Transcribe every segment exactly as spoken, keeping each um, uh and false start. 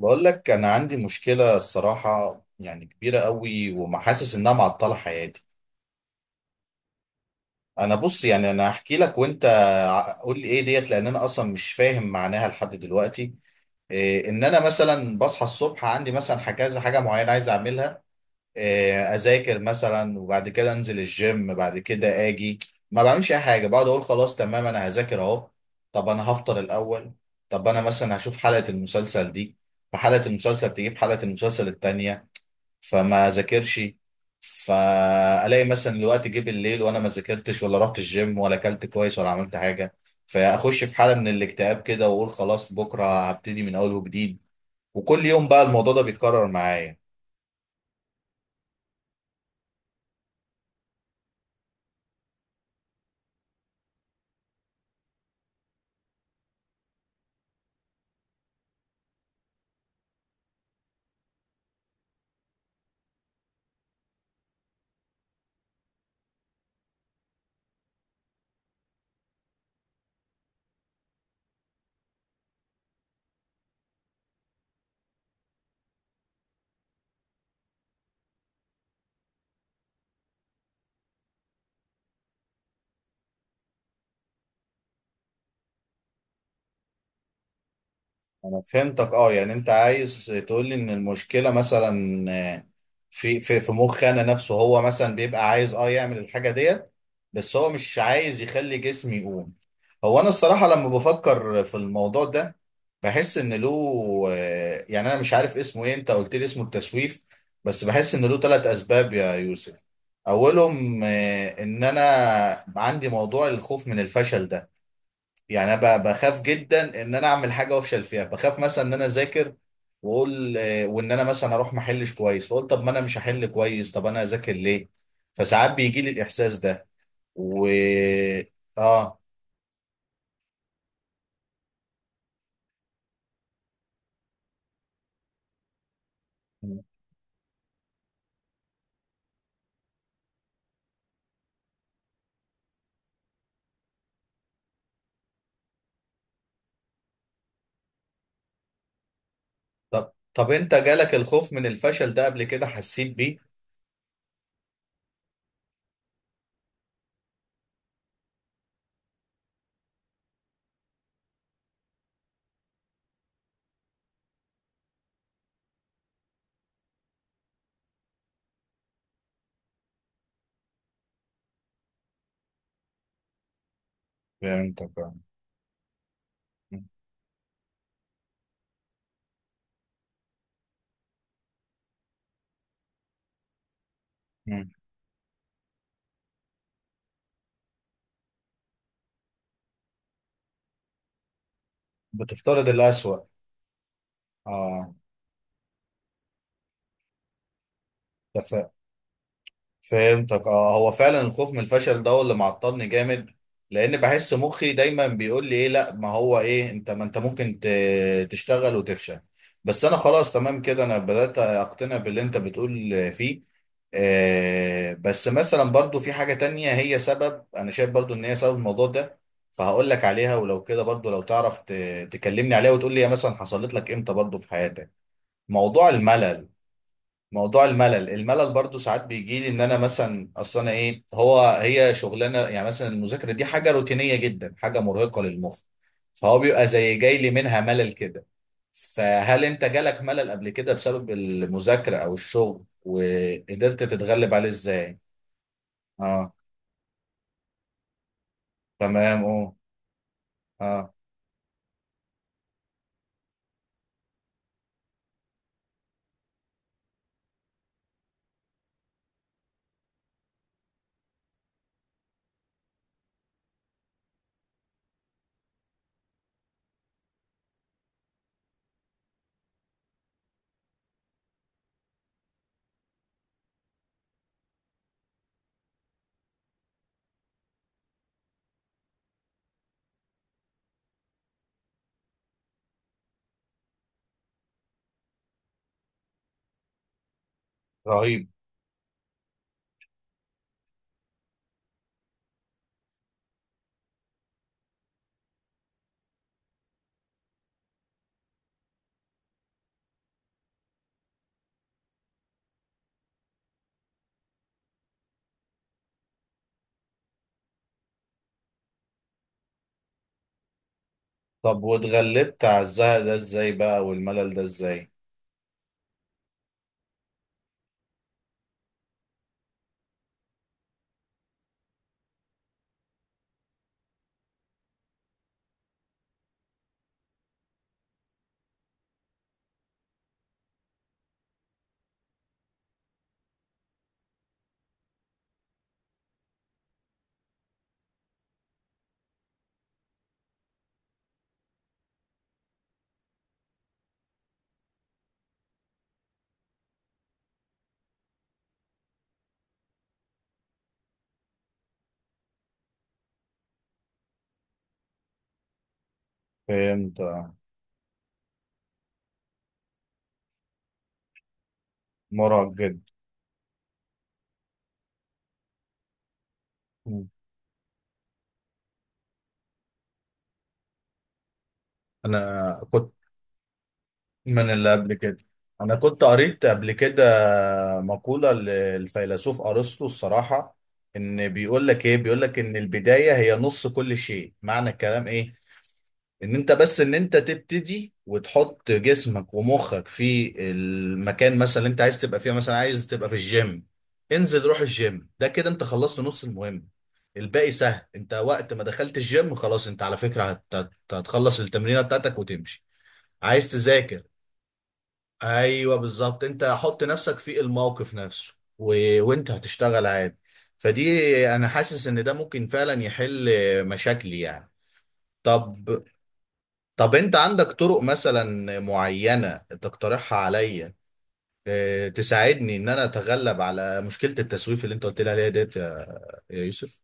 بقول لك انا عندي مشكله الصراحه يعني كبيره قوي ومحاسس انها معطله حياتي. انا بص يعني انا هحكي لك وانت ع- قول لي ايه ديت، لان انا اصلا مش فاهم معناها لحد دلوقتي. إيه ان انا مثلا بصحى الصبح عندي مثلا ح- كذا حاجه معينه عايز اعملها. إيه اذاكر مثلا، وبعد كده انزل الجيم، بعد كده اجي ما بعملش اي حاجه، بقعد اقول خلاص تمام انا هذاكر اهو. طب انا هفطر الاول. طب انا مثلا هشوف حلقه المسلسل دي، فحلقه المسلسل تجيب حلقه المسلسل التانيه، فما ذاكرش. فالاقي مثلا الوقت جه بالليل وانا ما ذاكرتش ولا رحت الجيم ولا اكلت كويس ولا عملت حاجه. فاخش في حاله من الاكتئاب كده واقول خلاص بكره هبتدي من اول وجديد. وكل يوم بقى الموضوع ده بيتكرر معايا. انا فهمتك، اه، يعني انت عايز تقول لي ان المشكله مثلا آه، في في في مخ انا نفسه، هو مثلا بيبقى عايز اه يعمل الحاجه ديت، بس هو مش عايز يخلي جسمي يقوم. هو انا الصراحه لما بفكر في الموضوع ده بحس ان له آه، يعني انا مش عارف اسمه ايه، انت قلت لي اسمه التسويف، بس بحس ان له ثلاث اسباب يا يوسف. اولهم آه، ان انا عندي موضوع الخوف من الفشل ده. يعني انا ب- بخاف جدا ان انا اعمل حاجه وافشل فيها، بخاف مثلا ان انا اذاكر واقول آه، وان انا مثلا اروح ما احلش كويس، فقلت طب ما انا مش هحل كويس طب انا اذاكر ليه. فساعات بيجي لي الاحساس ده و. اه. طب طب انت جالك الخوف من الفشل ده قبل كده، حسيت بيه؟ فهمتك، آه. م- م. بتفترض الأسوأ. اه، فهمتك، اه، هو فعلا الخوف من الفشل ده هو اللي معطلني جامد، لان بحس مخي دايما بيقول لي ايه: لا، ما هو ايه، انت ما انت ممكن ت- تشتغل وتفشل. بس انا خلاص تمام كده انا بدأت اقتنع باللي انت بتقول فيه. آه بس مثلا برضو في حاجة تانية هي سبب، انا شايف برضو ان هي سبب الموضوع ده، فهقول لك عليها، ولو كده برضو لو تعرف ت- تكلمني عليها وتقول لي هي مثلا حصلت لك امتى برضو في حياتك. موضوع الملل. موضوع الملل الملل برضو ساعات بيجي لي ان انا مثلا اصلا ايه هو هي شغلانه، يعني مثلا المذاكره دي حاجه روتينيه جدا، حاجه مرهقه للمخ، فهو بيبقى زي جاي لي منها ملل كده. فهل انت جالك ملل قبل كده بسبب المذاكره او الشغل، وقدرت تتغلب عليه ازاي؟ اه، تمام، اه. اه. رهيب. طب واتغلبت على الزهق ده ازاي بقى والملل ده ازاي؟ فهمت، آه. مرهق جدا. مم. انا كنت. من اللي قبل كده. انا كنت قريت قبل كده مقولة للفيلسوف ارسطو الصراحة، ان بيقول لك ايه، بيقول لك ان البداية هي نص كل شيء. معنى الكلام ايه، ان انت بس ان انت تبتدي وتحط جسمك ومخك في المكان مثلا اللي انت عايز تبقى فيه، مثلا عايز تبقى في الجيم، انزل روح الجيم، ده كده انت خلصت نص المهم. الباقي سهل، انت وقت ما دخلت الجيم خلاص، انت على فكرة هت- هت- هتخلص التمرينة بتاعتك وتمشي. عايز تذاكر. ايوه بالظبط، انت حط نفسك في الموقف نفسه و... وانت هتشتغل عادي. فدي انا حاسس ان ده ممكن فعلا يحل مشاكلي يعني. طب طب انت عندك طرق مثلا معينة تقترحها عليا آه، تساعدني ان انا اتغلب على مشكلة التسويف اللي انت قلت لي عليها ديت يا يا يوسف؟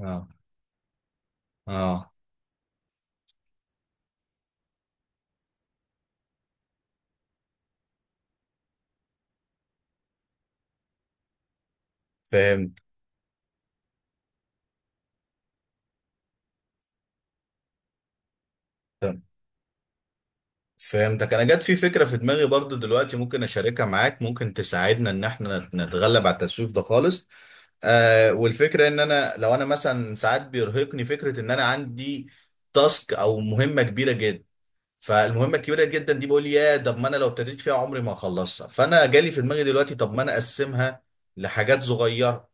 اه. اه. فهمت. فهمتك. انا جت في فكرة في دماغي برضو دلوقتي، ممكن اشاركها معاك، ممكن تساعدنا ان احنا نتغلب على التسويف ده خالص. آه والفكرة ان انا لو انا مثلا ساعات بيرهقني فكرة ان انا عندي تاسك او مهمة كبيرة جدا، فالمهمة الكبيرة جدا دي بقول يا طب ما انا لو ابتديت فيها عمري ما هخلصها، فانا جالي في دماغي دلوقتي طب ما انا اقسمها لحاجات صغيرة.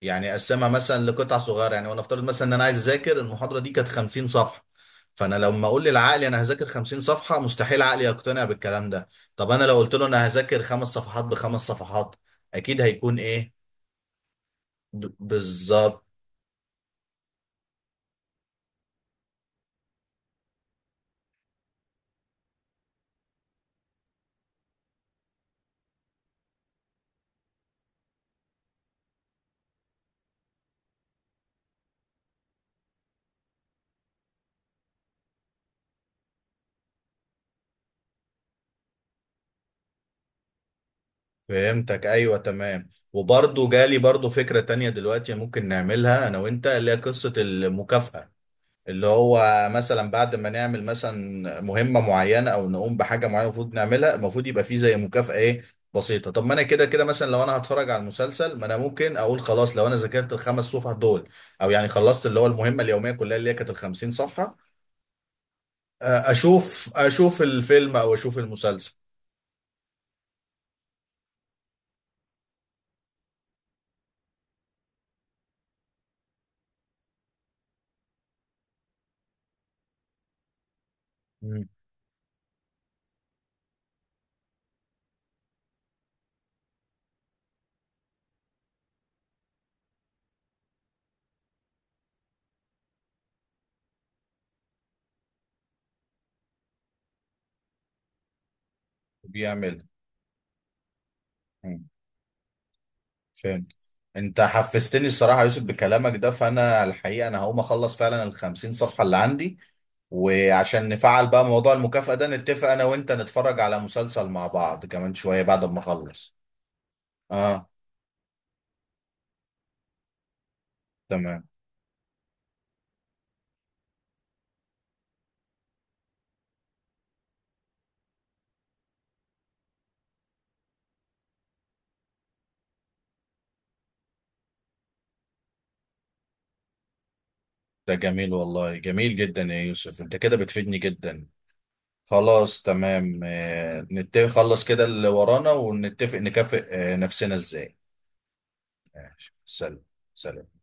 يعني اقسمها مثلا لقطع صغيرة يعني، وانا افترض مثلا ان انا عايز اذاكر المحاضرة دي كانت خمسين صفحة، فانا لما اقول للعقل انا هذاكر خمسين صفحة مستحيل عقلي يقتنع بالكلام ده. طب انا لو قلت له انا هذاكر خمس صفحات بخمس صفحات اكيد هيكون ايه؟ ب- بالظبط. فهمتك، ايوه تمام. وبرضه جالي برضه فكره تانية دلوقتي ممكن نعملها انا وانت، اللي هي قصه المكافاه، اللي هو مثلا بعد ما نعمل مثلا مهمه معينه او نقوم بحاجه معينه المفروض نعملها، المفروض يبقى في زي مكافاه ايه بسيطه. طب ما انا كده كده مثلا لو انا هتفرج على المسلسل، ما انا ممكن اقول خلاص لو انا ذاكرت الخمس صفح دول، او يعني خلصت اللي هو المهمه اليوميه كلها اللي هي كانت ال خمسين صفحه، آه، اشوف اشوف الفيلم او اشوف المسلسل. مم. بيعملها. فهمت. انت حفزتني الصراحه يا يوسف بكلامك ده، فانا الحقيقه انا هقوم اخلص فعلا ال خمسين صفحه اللي عندي، وعشان نفعل بقى موضوع المكافاه ده نتفق انا وانت نتفرج على مسلسل مع بعض كمان شويه بعد ما اخلص. اه، تمام. ده جميل والله، جميل جدا يا يوسف، انت كده بتفيدني جدا. خلاص تمام، آه نتفق خلص كده اللي ورانا ونتفق نكافئ آه نفسنا ازاي. ماشي، سلام. سلام.